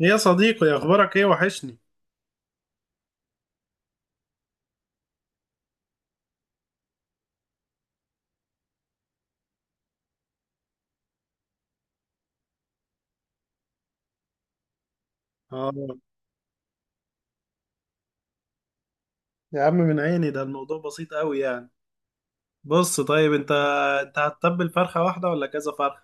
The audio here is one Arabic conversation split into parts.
ايه يا صديقي، اخبارك ايه؟ وحشني. اه، يا عم من عيني. ده الموضوع بسيط قوي يعني. بص، طيب، انت هتتبل فرخه واحده ولا كذا فرخه؟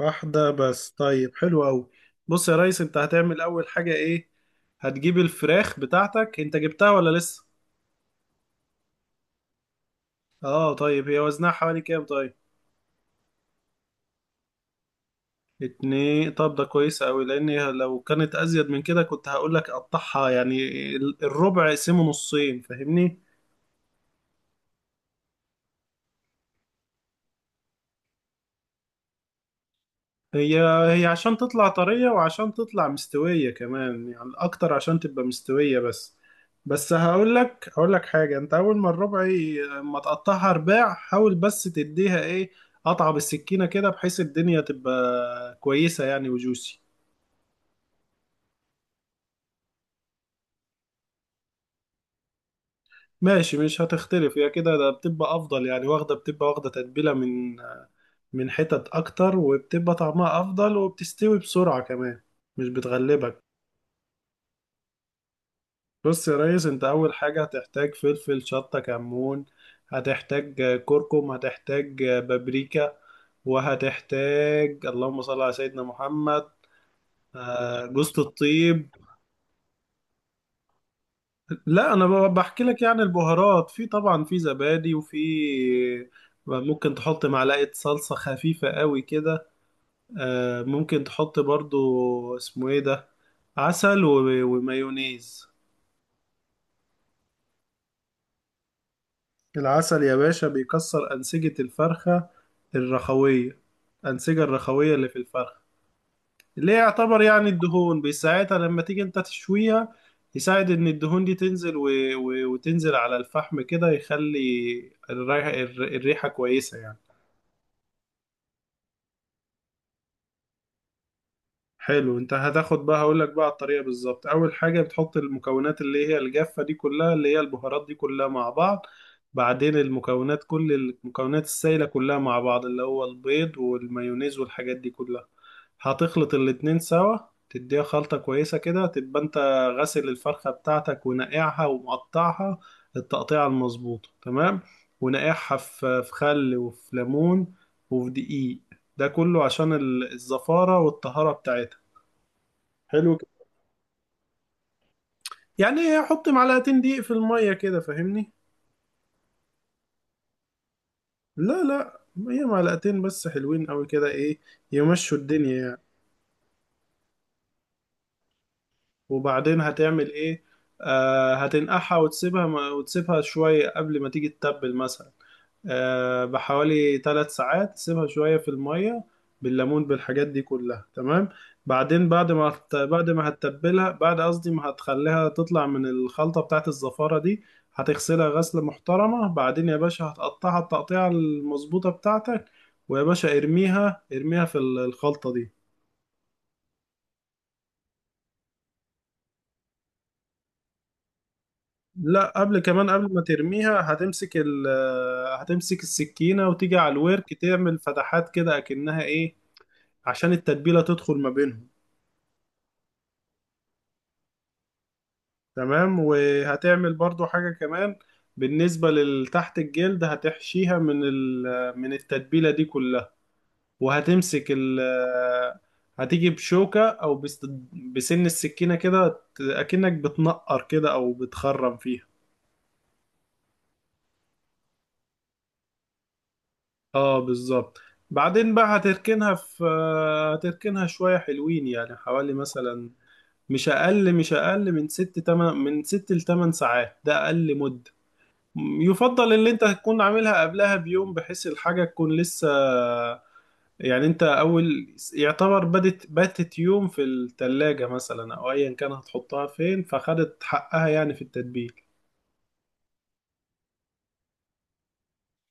واحده بس؟ طيب، حلو قوي. بص يا ريس، انت هتعمل اول حاجه ايه؟ هتجيب الفراخ بتاعتك، انت جبتها ولا لسه؟ اه، طيب، هي وزنها حوالي كام؟ طيب، اتنين، طب ده كويس قوي، لان لو كانت ازيد من كده كنت هقول لك قطعها يعني، الربع اقسمه نصين، فاهمني؟ هي هي عشان تطلع طرية وعشان تطلع مستوية كمان، يعني أكتر عشان تبقى مستوية بس. بس هقول لك حاجة، أنت أول ما الربع ما تقطعها رباع، حاول بس تديها إيه، قطعة بالسكينة كده، بحيث الدنيا تبقى كويسة يعني وجوسي. ماشي، مش هتختلف هي كده، ده بتبقى أفضل يعني، واخدة بتبقى واخدة تتبيلة من حتت أكتر، وبتبقى طعمها أفضل وبتستوي بسرعة كمان، مش بتغلبك. بص يا ريس، انت اول حاجة هتحتاج فلفل، شطة، كمون، هتحتاج كركم، هتحتاج بابريكا، وهتحتاج، اللهم صل على سيدنا محمد، جوزة الطيب. لا، انا بحكي لك يعني البهارات، في طبعا في زبادي، وفي ممكن تحط معلقة صلصة خفيفة قوي كده. ممكن تحط برضو، اسمه ايه ده، عسل ومايونيز. العسل يا باشا بيكسر أنسجة الفرخة، الرخوية، الأنسجة الرخوية اللي في الفرخة، اللي هي يعتبر يعني الدهون، بيساعدها لما تيجي انت تشويها، يساعد ان الدهون دي تنزل، وتنزل على الفحم كده، يخلي الريحة الريحة كويسة يعني. حلو، انت هتاخد بقى. هقول لك بقى على الطريقه بالظبط. اول حاجه بتحط المكونات اللي هي الجافه دي كلها، اللي هي البهارات دي كلها، مع بعض. بعدين المكونات، كل المكونات السائله كلها مع بعض، اللي هو البيض والمايونيز والحاجات دي كلها. هتخلط الاتنين سوا، تديها خلطه كويسه كده، تبقى انت غاسل الفرخه بتاعتك ونقعها ومقطعها التقطيعه المظبوطه تمام، ونقعها في خل وفي ليمون وفي دقيق، ده كله عشان الزفاره والطهاره بتاعتها. حلو كده. يعني حط معلقتين دقيق في المية كده، فاهمني؟ لا، لا، هي معلقتين بس حلوين قوي كده، ايه، يمشوا الدنيا يعني. وبعدين هتعمل ايه؟ هتنقعها وتسيبها شوية قبل ما تيجي تتبل مثلا. بحوالي 3 ساعات، سيبها شوية في المية بالليمون بالحاجات دي كلها، تمام. بعدين بعد ما هتتبلها، بعد، قصدي، ما هتخليها تطلع من الخلطة بتاعت الزفارة دي، هتغسلها غسلة محترمة، بعدين يا باشا هتقطعها التقطيعة المظبوطة بتاعتك. ويا باشا، ارميها ارميها في الخلطة دي. لا، قبل كمان، قبل ما ترميها، هتمسك السكينة، وتيجي على الورك تعمل فتحات كده، أكنها إيه، عشان التتبيلة تدخل ما بينهم. تمام، وهتعمل برضو حاجة كمان. بالنسبة لتحت الجلد هتحشيها من التتبيلة دي كلها، وهتمسك ال هتيجي بشوكة أو بسن السكينة كده، أكنك بتنقر كده أو بتخرم فيها. اه، بالظبط. بعدين بقى هتركنها شوية حلوين، يعني حوالي مثلا مش أقل من ست لتمن ساعات، ده أقل مدة. يفضل اللي انت تكون عاملها قبلها بيوم، بحيث الحاجة تكون لسه، يعني انت اول يعتبر باتت يوم في التلاجة مثلا او ايا كان هتحطها فين، فخدت حقها يعني في التتبيل.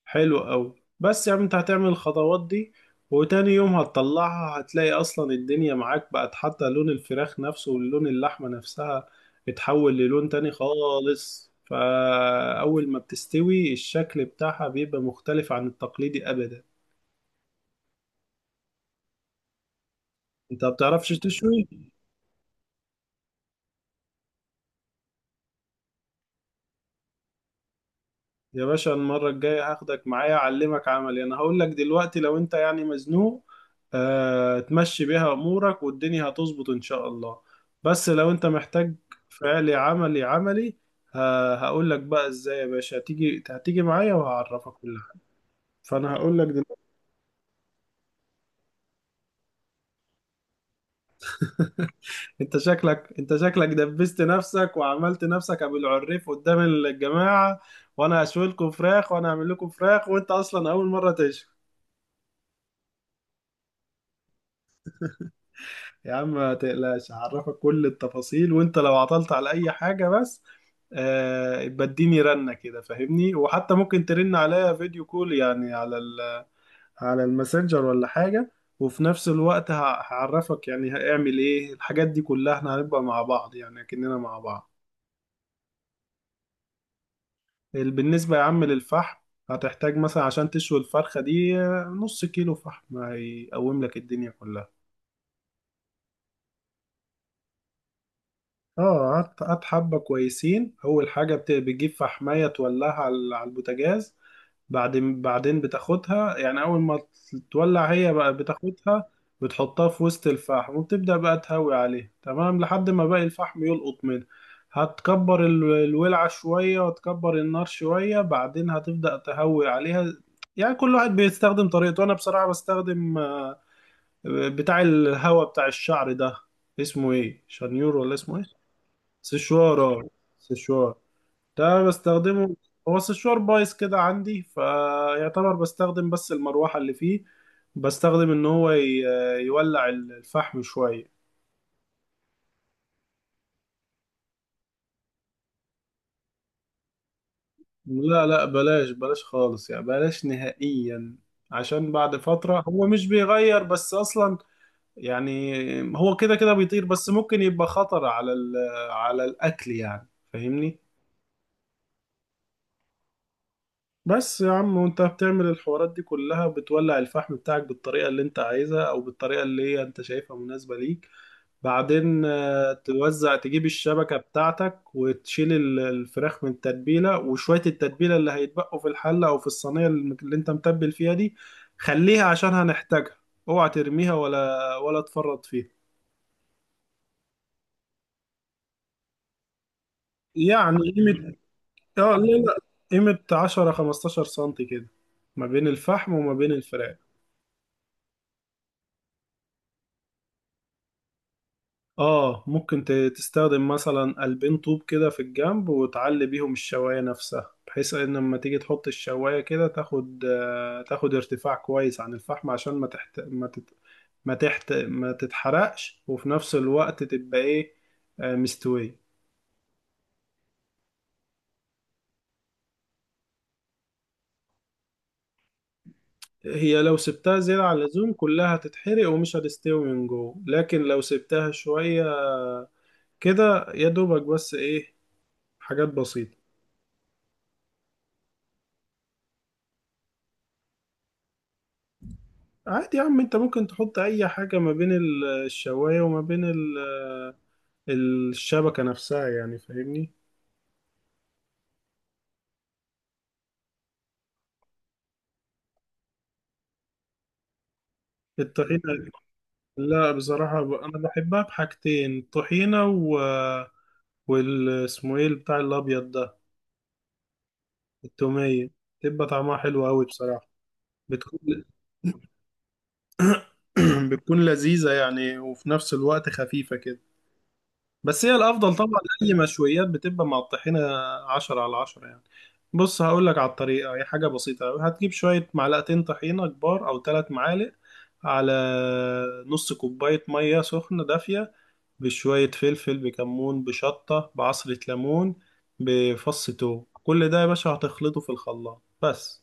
حلو قوي، بس يعني انت هتعمل الخطوات دي وتاني يوم هتطلعها، هتلاقي اصلا الدنيا معاك بقت، حتى لون الفراخ نفسه ولون اللحمة نفسها اتحول للون تاني خالص. فأول ما بتستوي، الشكل بتاعها بيبقى مختلف عن التقليدي أبدا. انت ما بتعرفش تشوي؟ يا باشا، المرة الجاية هاخدك معايا اعلمك عملي. انا هقول لك دلوقتي لو انت يعني مزنوق، تمشي بيها امورك والدنيا هتظبط ان شاء الله. بس لو انت محتاج فعلي، عملي عملي. هقول لك بقى ازاي يا باشا، هتيجي معايا وهعرفك كل حاجة، فانا هقول لك دلوقتي. انت شكلك دبست نفسك وعملت نفسك ابو العريف قدام الجماعة، وانا هشوي لكم فراخ وانا هعمل لكم فراخ، وانت اصلا اول مرة تشوي. يا عم ما تقلقش، هعرفك كل التفاصيل، وانت لو عطلت على اي حاجة بس، بديني رنة كده، فاهمني، وحتى ممكن ترن عليا فيديو كول يعني على الماسنجر ولا حاجة. وفي نفس الوقت هعرفك يعني هاعمل ايه الحاجات دي كلها، احنا هنبقى مع بعض يعني اكننا مع بعض. بالنسبة يا عم للفحم، هتحتاج مثلا عشان تشوي الفرخة دي نص كيلو فحم هيقوم لك الدنيا كلها. اه، قعدت حبة كويسين. أول حاجة بتجيب فحماية تولعها على البوتاجاز، بعدين بتاخدها يعني، أول ما تولع هي بقى بتاخدها، بتحطها في وسط الفحم وبتبدأ بقى تهوي عليها، تمام، لحد ما باقي الفحم يلقط منها. هتكبر الولعة شوية، وتكبر النار شوية، بعدين هتبدأ تهوي عليها. يعني كل واحد بيستخدم طريقته. أنا بصراحة بستخدم بتاع الهوا بتاع الشعر ده، اسمه ايه، شانيور ولا اسمه ايه، سشوار، اه، سشوار. ده بستخدمه، هو سشوار بايظ كده عندي، فيعتبر بستخدم بس المروحة اللي فيه، بستخدم ان هو يولع الفحم شوية. لا، لا، بلاش بلاش خالص، يعني بلاش نهائيا، عشان بعد فترة هو مش بيغير بس اصلا، يعني هو كده كده بيطير، بس ممكن يبقى خطر على الاكل يعني، فاهمني. بس يا عم، وانت بتعمل الحوارات دي كلها بتولع الفحم بتاعك بالطريقة اللي انت عايزها، او بالطريقة اللي هي انت شايفها مناسبة ليك. بعدين توزع، تجيب الشبكة بتاعتك وتشيل الفراخ من التتبيلة، وشوية التتبيلة اللي هيتبقوا في الحلة او في الصينية اللي انت متبل فيها دي، خليها عشان هنحتاجها، اوعى ترميها ولا تفرط فيها. يعني قيمة، اه، لا، لا، قيمة 10 15 سنتي كده، ما بين الفحم وما بين الفراخ. اه، ممكن تستخدم مثلا قلبين طوب كده في الجنب، وتعلي بيهم الشواية نفسها، بحيث ان لما تيجي تحط الشواية كده تاخد ارتفاع كويس عن الفحم، عشان ما تحت ما تتحرقش، وفي نفس الوقت تبقى ايه، مستوية. هي لو سبتها زيادة عن اللزوم كلها هتتحرق ومش هتستوي من جوه، لكن لو سبتها شوية كده يا دوبك بس ايه، حاجات بسيطة. عادي يا عم، انت ممكن تحط اي حاجة ما بين الشواية وما بين الشبكة نفسها يعني، فاهمني. الطحينة؟ لا، بصراحة انا بحبها بحاجتين، الطحينة و اسمه ايه، بتاع الابيض ده، التومية، تبقى طعمها حلو قوي بصراحة. بتكون بتكون لذيذة يعني، وفي نفس الوقت خفيفة كده. بس هي الافضل طبعا، اي مشويات بتبقى مع الطحينه 10 على 10 يعني. بص هقول لك على الطريقه. هي حاجه بسيطه أوي. هتجيب شويه، معلقتين طحينه كبار او 3 معالق على نص كوبايه ميه سخنه دافيه، بشويه فلفل، بكمون، بشطه، بعصره ليمون، بفص توم، كل ده يا باشا هتخلطه في الخلاط بس.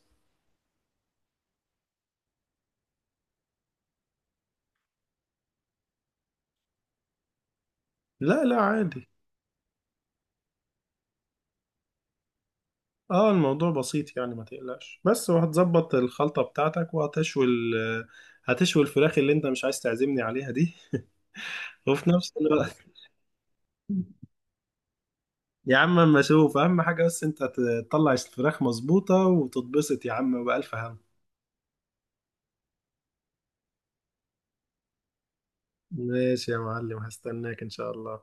لا، لا، عادي. اه، الموضوع بسيط يعني ما تقلقش، بس وهتظبط الخلطة بتاعتك، وهتشوي ال آه، هتشوي الفراخ اللي انت مش عايز تعزمني عليها دي. وفي نفس الوقت، يا عم، اما اشوف، اهم حاجة بس انت تطلع الفراخ مظبوطة وتتبسط يا عم بألف هم. ماشي يا معلم، هستناك ان شاء الله.